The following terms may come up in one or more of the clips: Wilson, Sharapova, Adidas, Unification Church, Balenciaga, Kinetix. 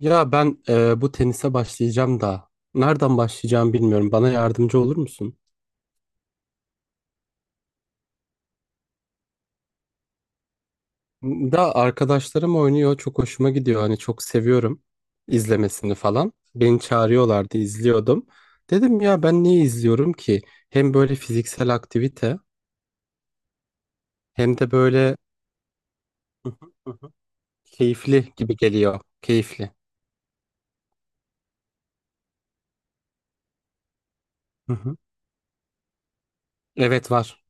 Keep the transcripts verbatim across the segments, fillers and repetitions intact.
Ya ben e, bu tenise başlayacağım da nereden başlayacağımı bilmiyorum. Bana yardımcı olur musun? Da arkadaşlarım oynuyor, çok hoşuma gidiyor. Hani çok seviyorum izlemesini falan. Beni çağırıyorlardı, izliyordum. Dedim ya ben niye izliyorum ki? Hem böyle fiziksel aktivite hem de böyle Hı hı, hı keyifli gibi geliyor. Keyifli. Hı hı. Evet var.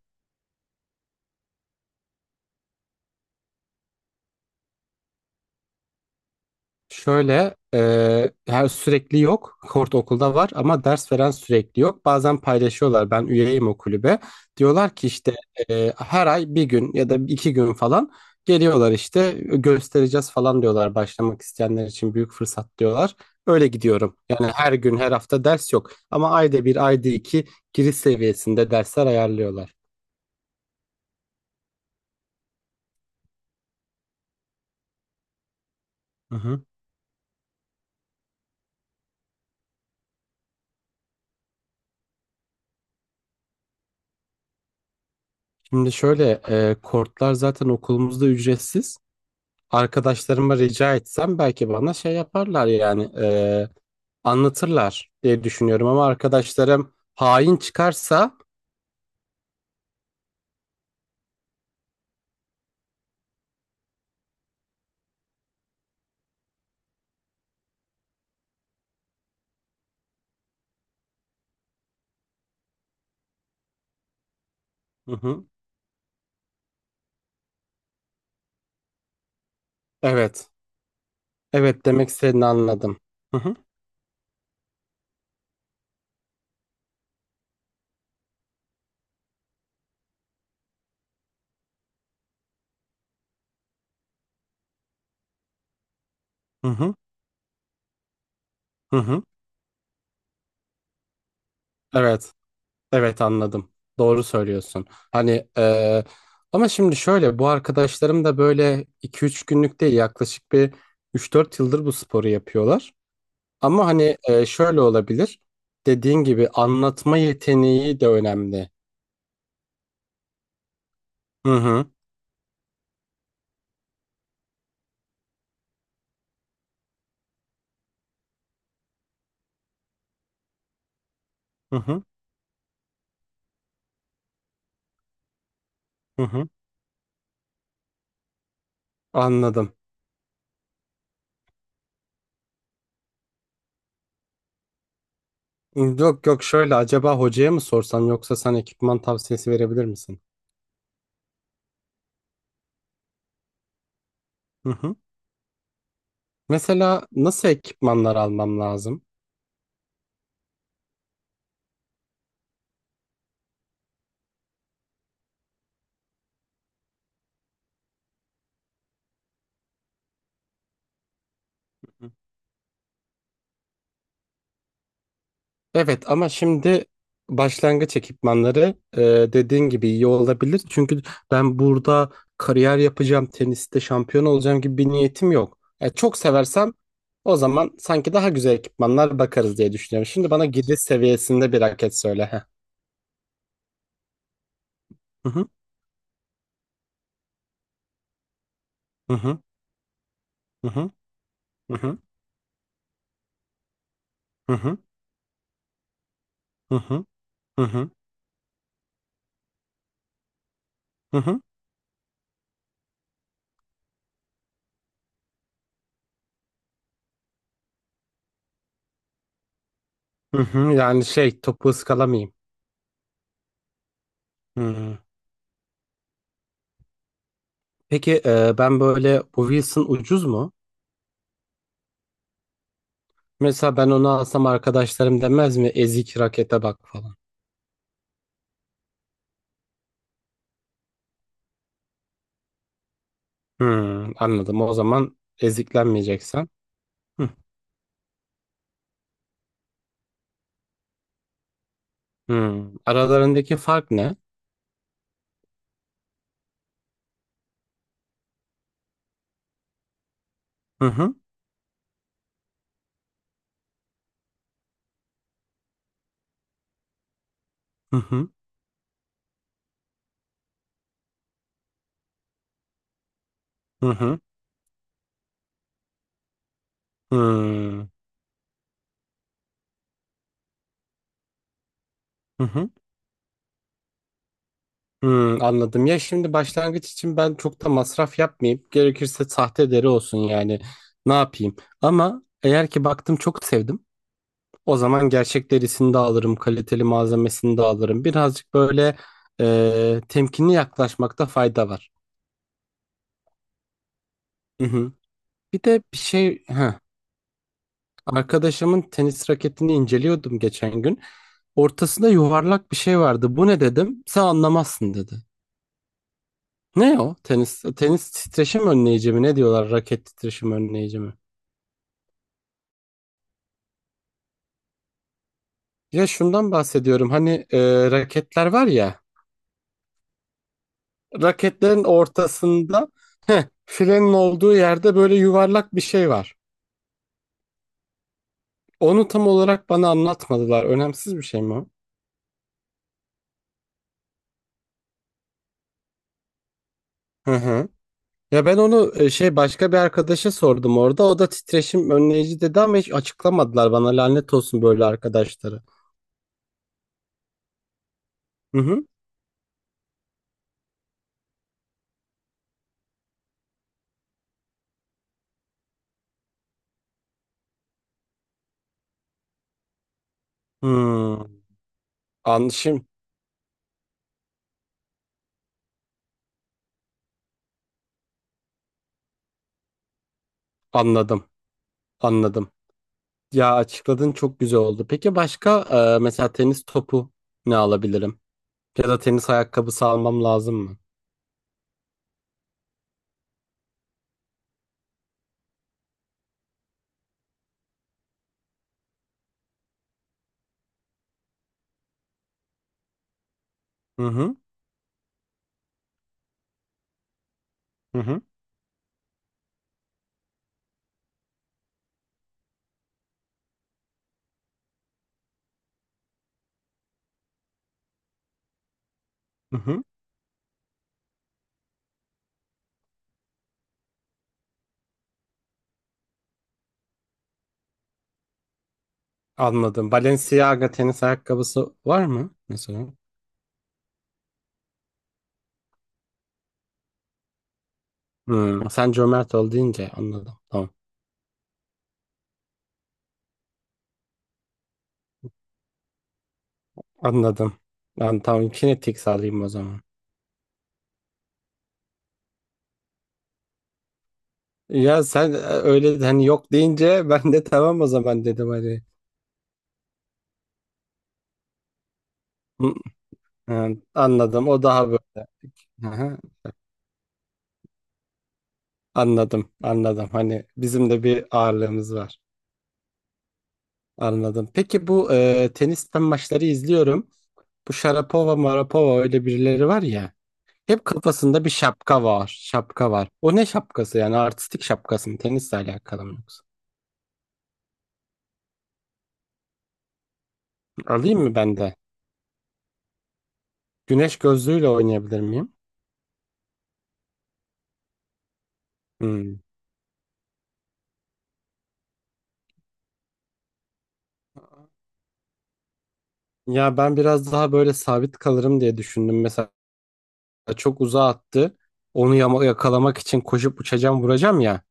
Şöyle e, her sürekli yok. Kort okulda var ama ders veren sürekli yok. Bazen paylaşıyorlar. Ben üyeyim o kulübe. Diyorlar ki işte e, her ay bir gün ya da iki gün falan geliyorlar işte göstereceğiz falan diyorlar. Başlamak isteyenler için büyük fırsat diyorlar. Öyle gidiyorum. Yani her gün her hafta ders yok. Ama ayda bir ayda iki giriş seviyesinde dersler ayarlıyorlar. Hı hı. Şimdi şöyle e, kortlar zaten okulumuzda ücretsiz. Arkadaşlarıma rica etsem belki bana şey yaparlar, yani e, anlatırlar diye düşünüyorum, ama arkadaşlarım hain çıkarsa. Hı hı. Evet. Evet, demek istediğini anladım. Hı hı. Hı hı. Hı hı. Evet. Evet, anladım. Doğru söylüyorsun. Hani eee, ama şimdi şöyle, bu arkadaşlarım da böyle iki üç günlük değil, yaklaşık bir üç dört yıldır bu sporu yapıyorlar. Ama hani eee, şöyle olabilir. Dediğin gibi anlatma yeteneği de önemli. Hı hı. Hı hı. Hı hı. Anladım. Yok yok, şöyle acaba hocaya mı sorsam, yoksa sen ekipman tavsiyesi verebilir misin? Hı hı. Mesela nasıl ekipmanlar almam lazım? Evet ama şimdi başlangıç ekipmanları e, dediğin gibi iyi olabilir. Çünkü ben burada kariyer yapacağım, teniste şampiyon olacağım gibi bir niyetim yok. E, çok seversem o zaman sanki daha güzel ekipmanlar bakarız diye düşünüyorum. Şimdi bana giriş seviyesinde bir raket söyle. Heh. Hı hı. Hı hı. Hı hı. Hı hı. Hı hı. Hı hı. Hı hı. Hı. Yani şey, topu ıskalamayayım. Hı. Peki e, ben böyle bu Wilson ucuz mu? Mesela ben onu alsam arkadaşlarım demez mi? Ezik rakete bak falan. Hmm, anladım. O zaman eziklenmeyeceksen. Hı. Hmm. Aralarındaki fark ne? Hı hı. Hı hı. Hı hı. Hmm. Hı hı. Hmm, anladım. Ya şimdi başlangıç için ben çok da masraf yapmayayım. Gerekirse sahte deri olsun yani. Ne yapayım? Ama eğer ki baktım çok sevdim. O zaman gerçek derisini de alırım. Kaliteli malzemesini de alırım. Birazcık böyle eee temkinli yaklaşmakta fayda var. Hı hı. Bir de bir şey, heh, arkadaşımın tenis raketini inceliyordum geçen gün. Ortasında yuvarlak bir şey vardı. Bu ne dedim? Sen anlamazsın dedi. Ne o? Tenis tenis titreşim önleyici mi? Ne diyorlar? Raket titreşim önleyici mi? Ya şundan bahsediyorum. Hani e, raketler var ya. Raketlerin ortasında, heh, filenin olduğu yerde böyle yuvarlak bir şey var. Onu tam olarak bana anlatmadılar. Önemsiz bir şey mi o? Hı hı. Ya ben onu e, şey, başka bir arkadaşa sordum orada. O da titreşim önleyici dedi ama hiç açıklamadılar bana. Lanet olsun böyle arkadaşları. Hı hı. Hmm. An şimdi anladım. Anladım. Ya açıkladın, çok güzel oldu. Peki başka e, mesela tenis topu ne alabilirim? Ya da tenis ayakkabısı almam lazım mı? Hı hı. Hı hı. Hı hı. Anladım. Balenciaga tenis ayakkabısı var mı mesela? Hmm. Sen cömert ol deyince anladım. Tamam. Anladım. Ben tamam Kinetix alayım o zaman. Ya sen e, öyle hani yok deyince ben de tamam o zaman dedim hani. Hı. Ha. Anladım, o daha böyle. Aha. Anladım anladım, hani bizim de bir ağırlığımız var. Anladım. Peki bu e, tenisten maçları izliyorum. Bu Sharapova Marapova öyle birileri var ya. Hep kafasında bir şapka var. Şapka var. O ne şapkası yani? Artistik şapkası mı? Tenisle alakalı mı yoksa? Alayım mı ben de? Güneş gözlüğüyle oynayabilir miyim? Hmm. Ya ben biraz daha böyle sabit kalırım diye düşündüm. Mesela çok uzağa attı. Onu yama- yakalamak için koşup uçacağım vuracağım ya.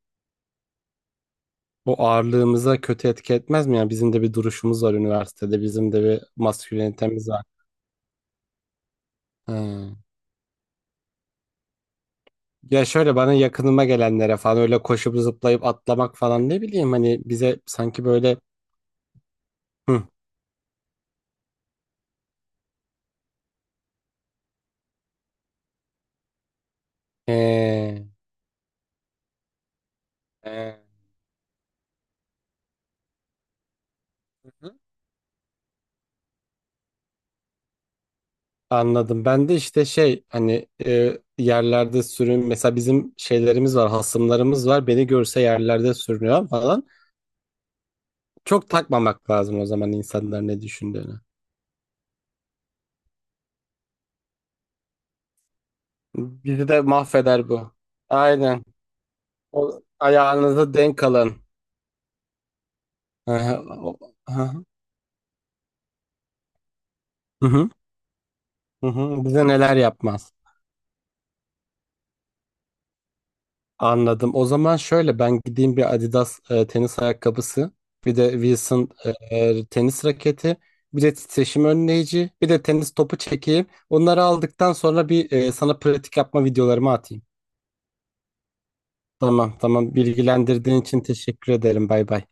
O ağırlığımıza kötü etki etmez mi? Yani bizim de bir duruşumuz var üniversitede. Bizim de bir maskülenitemiz var. Ha. Ya şöyle bana yakınıma gelenlere falan öyle koşup zıplayıp atlamak falan, ne bileyim, hani bize sanki böyle. Hı. ee, ee, hı. Anladım. Ben de işte şey, hani e, yerlerde sürün, mesela bizim şeylerimiz var, hasımlarımız var. Beni görse yerlerde sürünüyor falan. Çok takmamak lazım o zaman insanlar ne düşündüğünü. Bizi de mahveder bu. Aynen. O, ayağınızı denk alın. Hı hı. O- hı hı. Hı hı. Hı hı. Bize neler yapmaz. Anladım. O zaman şöyle, ben gideyim bir Adidas e, tenis ayakkabısı, bir de Wilson e, tenis raketi, bir de titreşim önleyici, bir de tenis topu çekeyim. Onları aldıktan sonra bir e, sana pratik yapma videolarımı atayım. Tamam tamam, bilgilendirdiğin için teşekkür ederim. Bay bay.